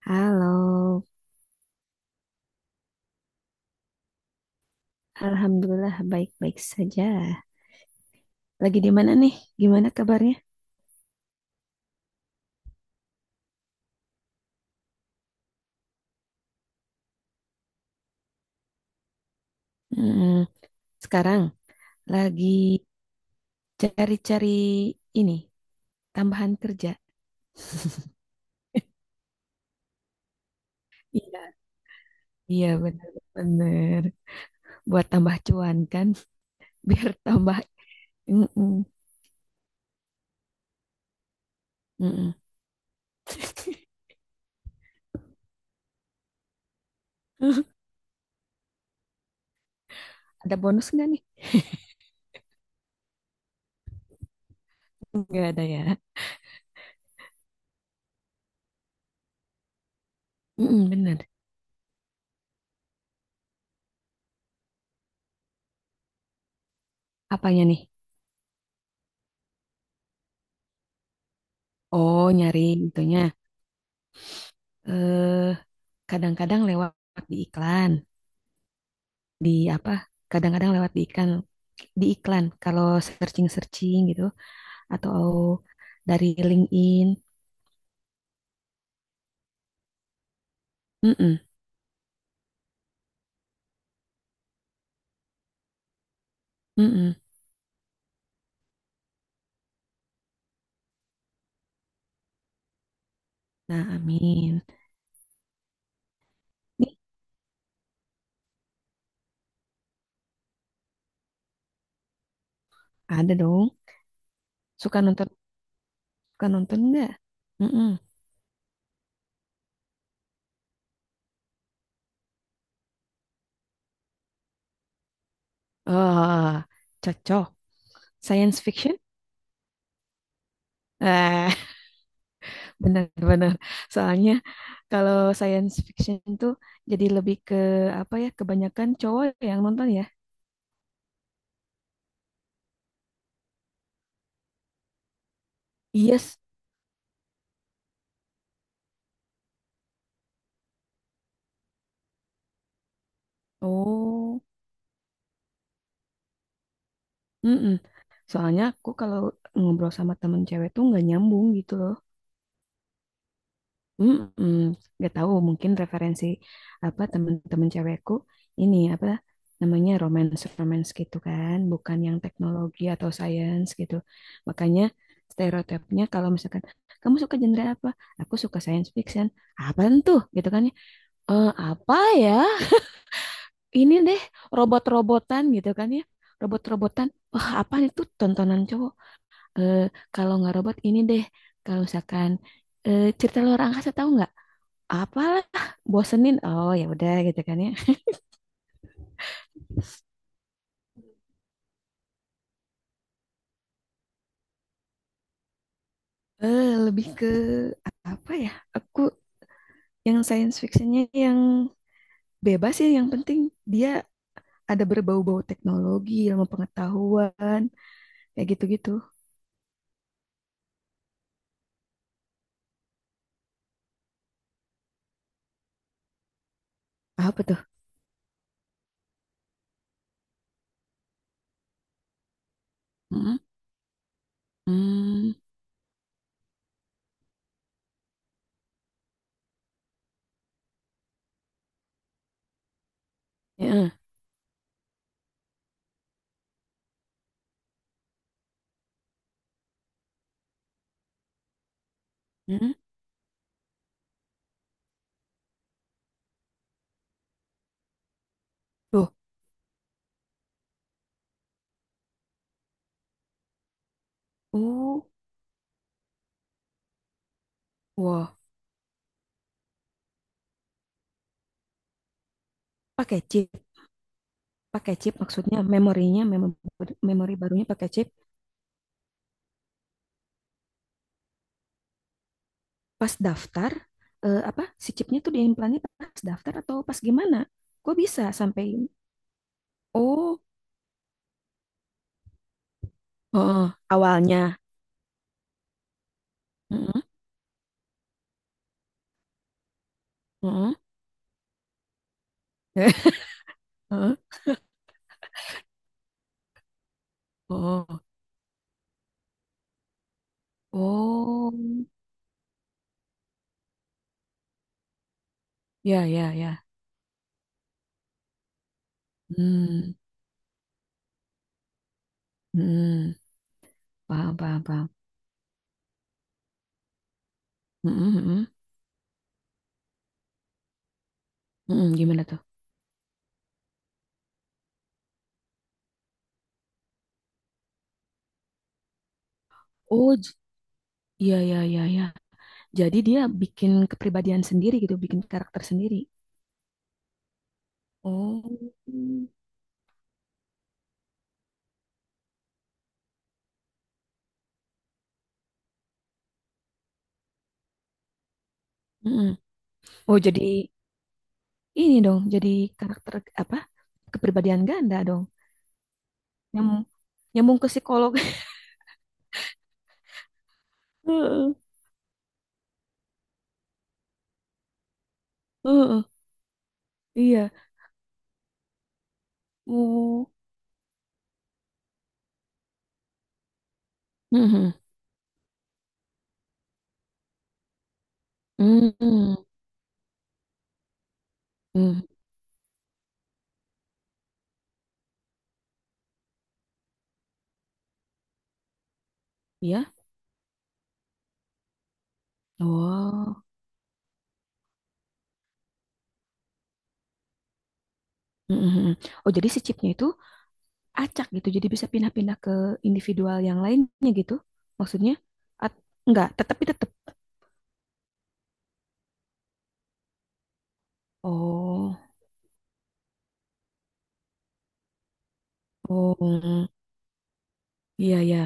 Halo, Alhamdulillah baik-baik saja. Lagi di mana nih? Gimana kabarnya? Hmm, sekarang lagi cari-cari ini, tambahan kerja. Iya, iya benar-benar. Buat tambah cuan kan, biar tambah. Mm-mm, mm-mm. Ada bonus nggak nih? Nggak ada ya. Mm-mm, bener. Apanya nih? Oh, nyari itunya. Eh, kadang-kadang lewat di iklan. Di apa Kadang-kadang lewat di iklan kalau searching searching gitu, atau dari LinkedIn. Mm-mm, mm-mm. Nah, amin nih. Ada dong. Suka nonton suka nonton nggak? Mm. Oh, cocok. Science fiction. Eh, benar-benar. Soalnya kalau science fiction tuh jadi lebih ke apa ya, kebanyakan cowok yang nonton ya. Yes. Oh. Mm-mm. Soalnya aku kalau ngobrol sama temen cewek tuh nggak nyambung gitu loh. Mm-mm. Nggak tahu, mungkin referensi apa temen-temen cewekku ini apa namanya romance romance gitu kan, bukan yang teknologi atau science gitu. Makanya stereotipnya kalau misalkan kamu suka genre apa? Aku suka science fiction. Apaan tuh? Gitu kan ya. Eh, apa ya? Ini deh, robot-robotan gitu kan ya. Robot-robotan. Wah, apaan itu tontonan cowok? Eh, kalau nggak robot ini deh, kalau misalkan eh, cerita luar angkasa tahu nggak? Apalah, bosenin. Oh ya udah gitu kan ya. Eh, lebih ke apa ya? Aku yang science fictionnya yang bebas ya, yang penting dia ada berbau-bau teknologi, ilmu pengetahuan, kayak gitu-gitu. Apa tuh? Mm -mm. Ya, mm. Tuh, uh, wah, pakai chip, pakai chip maksudnya memorinya, memori barunya pakai chip. Pas daftar eh, apa si chipnya tuh diimplannya pas daftar atau pas gimana? Gue bisa sampai oh. Heeh, awalnya. Heeh, heeh, heeh, oh, oh ya ya ya, hmm, hmm, paham paham paham. Heeh, heeh, heeh, gimana tuh? Oh, ya ya iya ya. Jadi dia bikin kepribadian sendiri, gitu, bikin karakter sendiri. Oh, mm. Oh, jadi ini dong, jadi karakter apa, kepribadian ganda dong. Nyambung nyambung ke psikolog. Heeh, heeh, iya, oh. Mhm. Mhm. Mhm. Iya, oh. Mhm. Oh, jadi si chipnya itu acak gitu jadi bisa pindah-pindah ke individual yang lainnya gitu, maksudnya. At- enggak, tetapi tetap. Oh, oh, iya ya.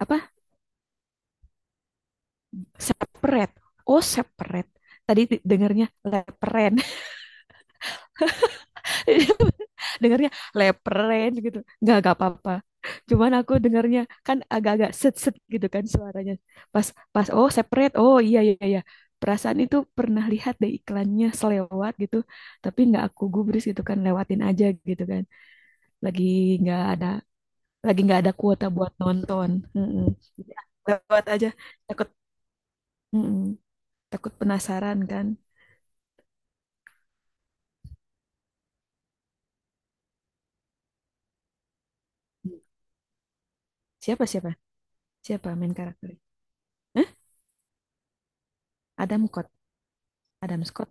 Apa, separate. Oh, separate. Tadi dengarnya leperen. Dengarnya lepren gitu, nggak apa-apa, cuman aku dengarnya kan agak-agak set set gitu kan suaranya. Pas, pas, oh separate, oh iya iya iya. Perasaan itu pernah lihat deh iklannya selewat gitu, tapi nggak aku gubris, gitu kan, lewatin aja gitu kan. Lagi nggak ada lagi nggak ada kuota buat nonton. Mm-mm. Jadi, lewat aja, takut. Mm-mm. Takut penasaran kan. Siapa siapa siapa main karakter? Hah? Adam Scott, Adam Scott,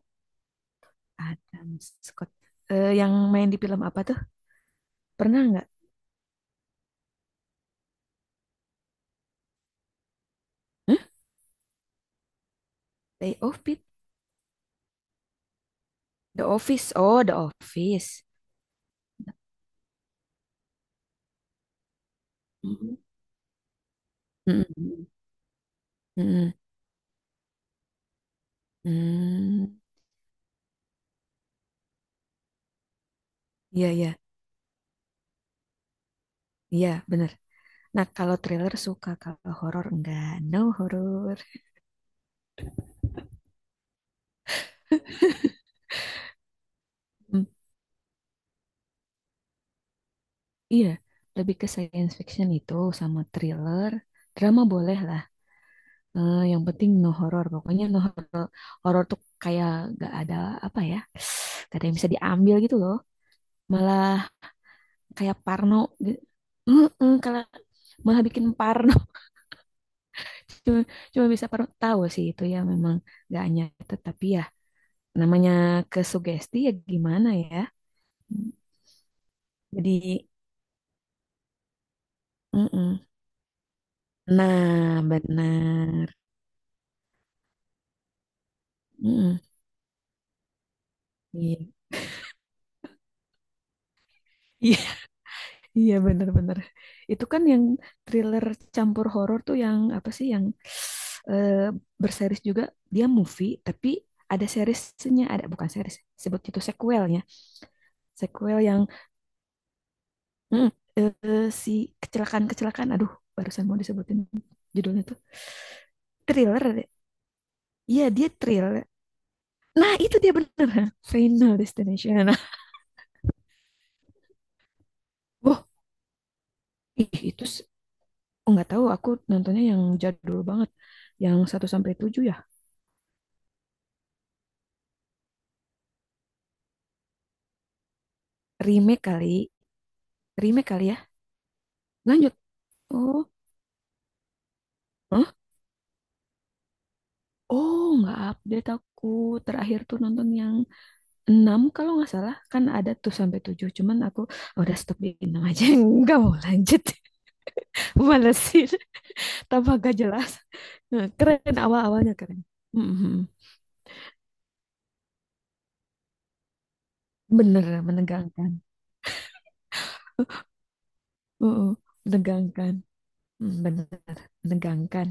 Adam Scott. Eh, yang main di film apa tuh? Pernah nggak? Hah? Day of Pit? The Office. Oh, The Office. Mhm. Mm-mm. Mm-mm. Mm. Iya, iya. Iya, bener. Nah, kalau thriller suka, kalau horor enggak. No horor. Mm, iya, lebih ke science fiction itu sama thriller. Drama boleh lah. Eh, yang penting no horor. Pokoknya no horor. Horor tuh kayak gak ada apa ya. Gak ada yang bisa diambil gitu loh. Malah kayak Parno gitu. Mm-mm, kalau malah bikin Parno cuma, cuma bisa Parno, tahu sih itu ya, memang gak nyata, tapi ya namanya kesugesti, ya gimana ya, jadi mm-mm. Nah, benar. Mm-mm. Iya, iya. Iya, benar-benar. Itu kan yang thriller campur horor tuh, yang apa sih yang eh, berseris juga, dia movie tapi ada seriesnya, ada, bukan series, sebut itu sequelnya. Sequel yang mm, eh, si kecelakaan-kecelakaan, aduh, barusan mau disebutin judulnya tuh, thriller deh. Iya, dia thriller. Nah, itu dia bener. Final Destination. Nah, wah, ih, itu nggak tahu. Aku nontonnya yang jadul banget, yang satu sampai 7 ya. Remake kali, remake kali ya. Lanjut. Oh, hah? Oh, nggak update aku. Terakhir tuh nonton yang 6 kalau nggak salah. Kan ada tuh sampai 7, cuman aku, "Oh, udah stop di 6 aja. Nggak mau lanjut." Malesin. Tambah gak jelas. Nah, keren awal-awalnya keren. Mhm. Bener menegangkan. uh Menegangkan. Mm, bener menegangkan.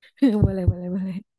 Boleh boleh boleh.